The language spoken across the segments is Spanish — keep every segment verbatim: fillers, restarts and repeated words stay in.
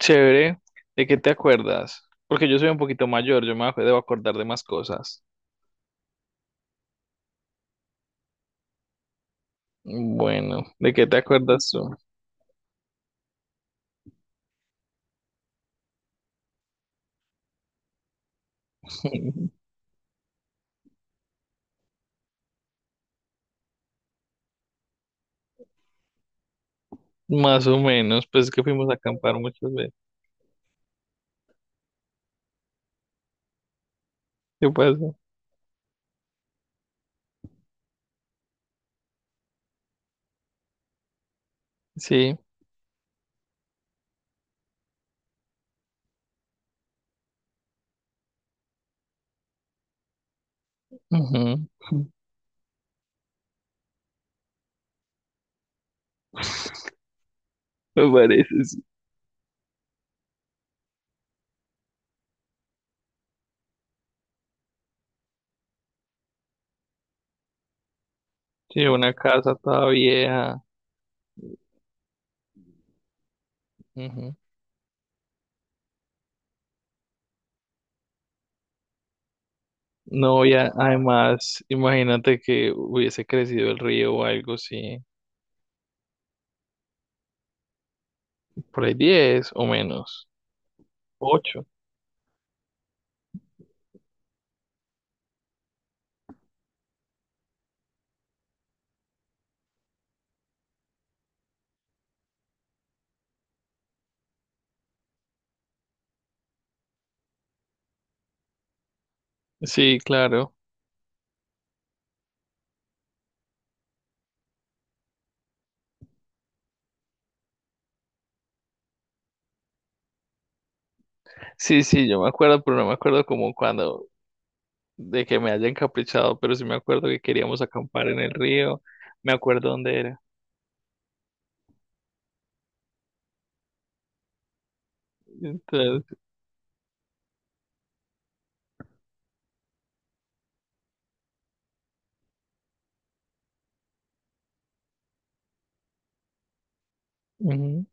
Chévere, ¿de qué te acuerdas? Porque yo soy un poquito mayor, yo me ac- debo acordar de más cosas. Bueno, ¿de qué te acuerdas tú? Más o menos, pues es que fuimos a acampar muchas veces. ¿Qué pasa? Sí, ujú, Me parece, sí. Sí, una casa toda vieja. Ujú. No, y a- además, imagínate que hubiese crecido el río o algo sí. Por ahí diez o menos. Ocho. Sí, claro. Sí, sí, yo me acuerdo, pero no me acuerdo como cuando de que me haya encaprichado, pero sí me acuerdo que queríamos acampar en el río, me acuerdo dónde era. Entonces, ujú.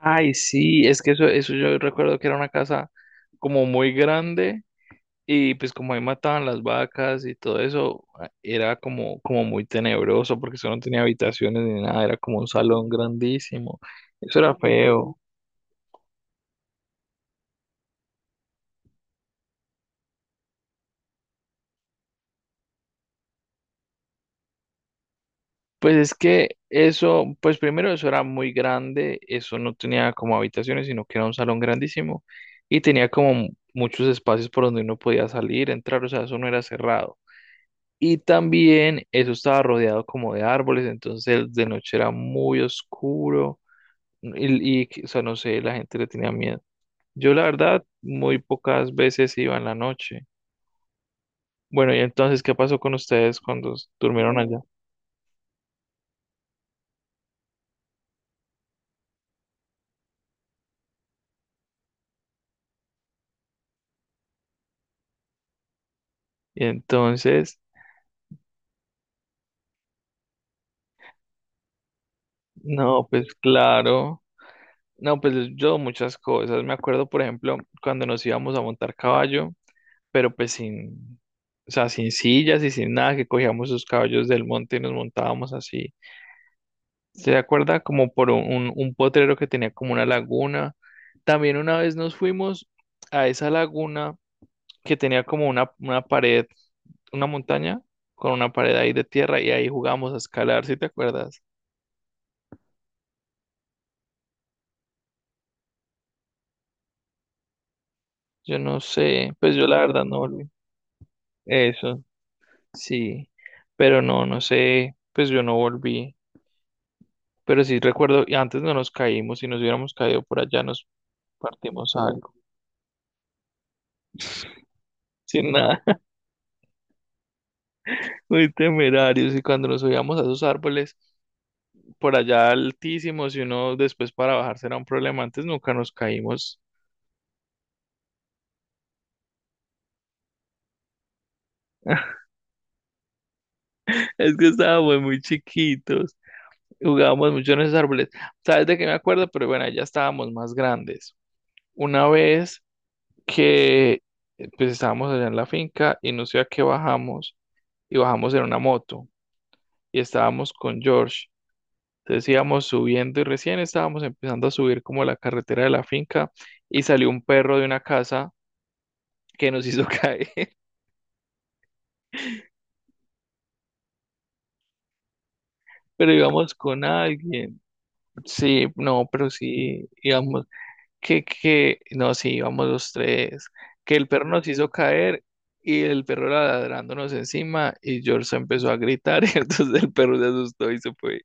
Ay, sí, es que eso, eso yo recuerdo que era una casa como muy grande y pues como ahí mataban las vacas y todo eso, a- era como, como muy tenebroso porque eso no tenía habitaciones ni nada, era como un salón grandísimo. Eso era feo. Pues es que eso, pues primero eso era muy grande, eso no tenía como habitaciones, sino que era un salón grandísimo y tenía como mu- muchos espacios por donde uno podía salir, entrar, o sea, eso no era cerrado. Y también eso estaba rodeado como de árboles, entonces de noche era muy oscuro, mm, y, y, que- o sea, no sé, la gente le tenía miedo. Yo la verdad muy pocas veces iba en la noche. Bueno, y entonces, ¿qué pasó con ustedes cuando s- durmieron allá? Y entonces, no, pues claro. No, pues yo muchas cosas. Me acuerdo, por ejemplo, cuando nos íbamos a montar caballo, pero pues sin, o sea, sin sillas y sin nada, que cogíamos los caballos del monte y nos montábamos así. ¿Se acuerda? Como por un, un- un potrero que tenía como una laguna. También una vez nos fuimos a esa laguna que tenía como una, una pared, una montaña con una pared ahí de tierra y ahí jugamos a escalar, ¿sí te acuerdas? Yo no sé, pues yo la verdad no volví. Eso. Sí, pero no, no sé, pues yo no volví, pero sí recuerdo, y antes no nos caímos, si nos hubiéramos caído por allá nos partimos algo, sin nada, muy temerarios, y cuando nos subíamos a esos árboles por allá altísimos y uno después para bajarse era un problema, antes nunca nos caímos, es que estábamos muy chiquitos, jugábamos mucho en esos árboles. ¿Sabes de qué me acuerdo? Pero bueno, ya estábamos más grandes, una vez que pues estábamos allá en la finca y no sé a qué bajamos, y bajamos en una moto y estábamos con George. Entonces íbamos subiendo y recién estábamos empezando a subir como la carretera de la finca y salió un perro de una casa que nos hizo caer, pero íbamos con alguien. Sí, no, pero sí, íbamos, que, que, no, sí, íbamos los tres, que el perro nos hizo caer. Y el perro era ladrándonos encima y George se empezó a gritar y entonces el perro se asustó y se fue.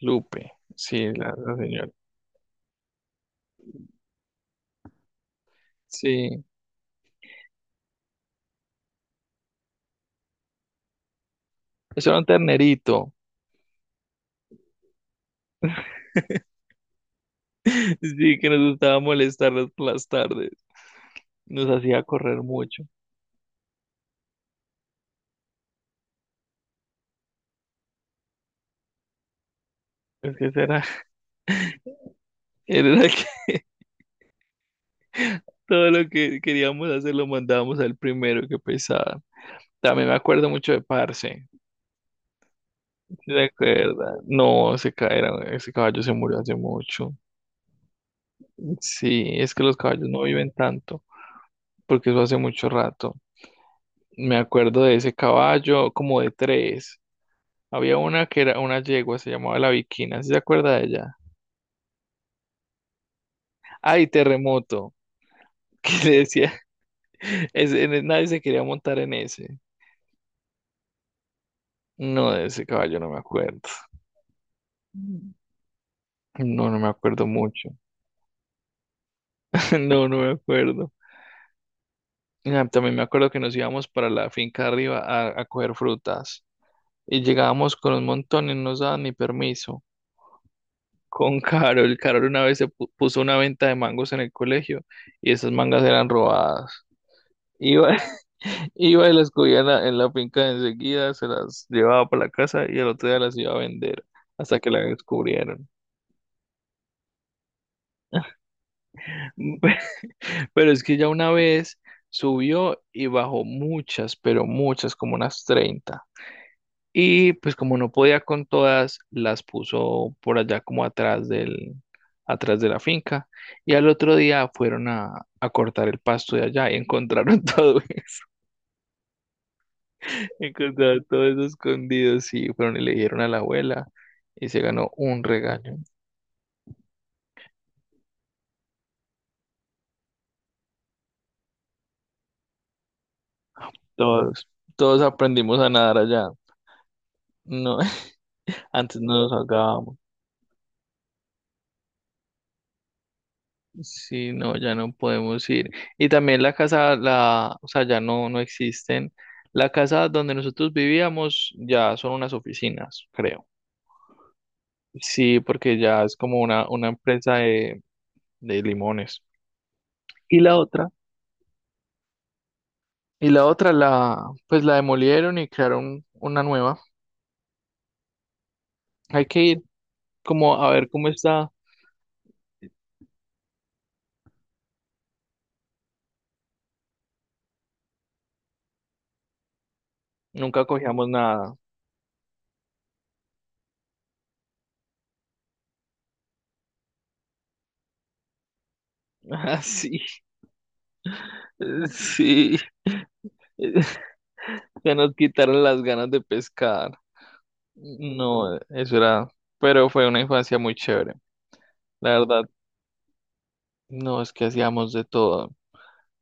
Lupe, sí, la, la señora. Sí, eso era un ternerito. Sí, que nos gustaba molestarnos por las tardes. Nos hacía correr mucho. Es que ese era, él era el que todo lo que queríamos hacer lo mandábamos al primero, que pesada. También me acuerdo mucho de Parce. ¿Sí? ¿Te acuerdas? No, ese, ca- era- ese caballo se murió hace mucho. Sí, es que los caballos no viven tanto, porque eso hace mucho rato. Me acuerdo de ese caballo, como de tres. Había una que era una yegua, se llamaba la Viquina. ¿Sí se acuerda de ella? Ay, Terremoto. Que le decía, ese- en- el- nadie se quería montar en ese. No, de ese caballo no me acuerdo. No, no me acuerdo mucho. No, no me acuerdo. Ah, también me acuerdo que nos íbamos para la finca arriba a, a coger frutas y llegábamos con un montón y no nos daban ni permiso. Con Carol, Carol una vez se pu- puso una venta de mangos en el colegio y esas mangas eran robadas. Iba, iba y las cogía en la, en la finca enseguida, se las llevaba para la casa y al otro día las iba a vender hasta que la descubrieron. Pero es que ya una vez subió y bajó muchas, pero muchas, como unas treinta. Y pues como no podía con todas, las puso por allá como atrás del, atrás de la finca. Y al otro día fueron a, a cortar el pasto de allá y encontraron todo. Encontraron todo eso escondido, sí, fueron y le dijeron a la abuela y se ganó un regaño. Todos, todos aprendimos a nadar allá. No, antes no nos ahogábamos. Sí, no, ya no podemos ir. Y también la casa, la, o sea, ya no, no existen. La casa donde nosotros vivíamos ya son unas oficinas, creo. Sí, porque ya es como una, una empresa de, de limones. Y la otra, y la otra la, pues la demolieron y crearon una nueva. Hay que ir, como a ver cómo está. Nunca cogíamos nada. Así, sí. Ya nos quitaron las ganas de pescar. No, eso era, pero fue una infancia muy chévere. La verdad, no, es que hacíamos de todo.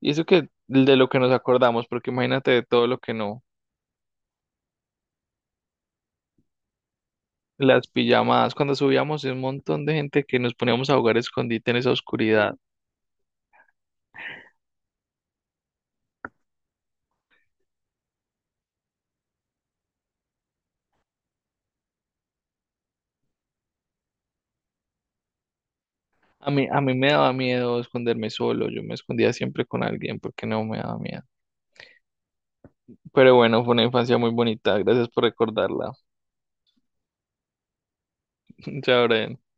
Y eso que de lo que nos acordamos, porque imagínate de todo lo que no. Las pijamadas, cuando subíamos un montón de gente que nos poníamos a jugar escondite en esa oscuridad. A mí, a mí me daba miedo esconderme solo, yo me escondía siempre con alguien porque no me daba miedo. Pero bueno, fue una infancia muy bonita. Gracias por recordarla. Chao, Brian.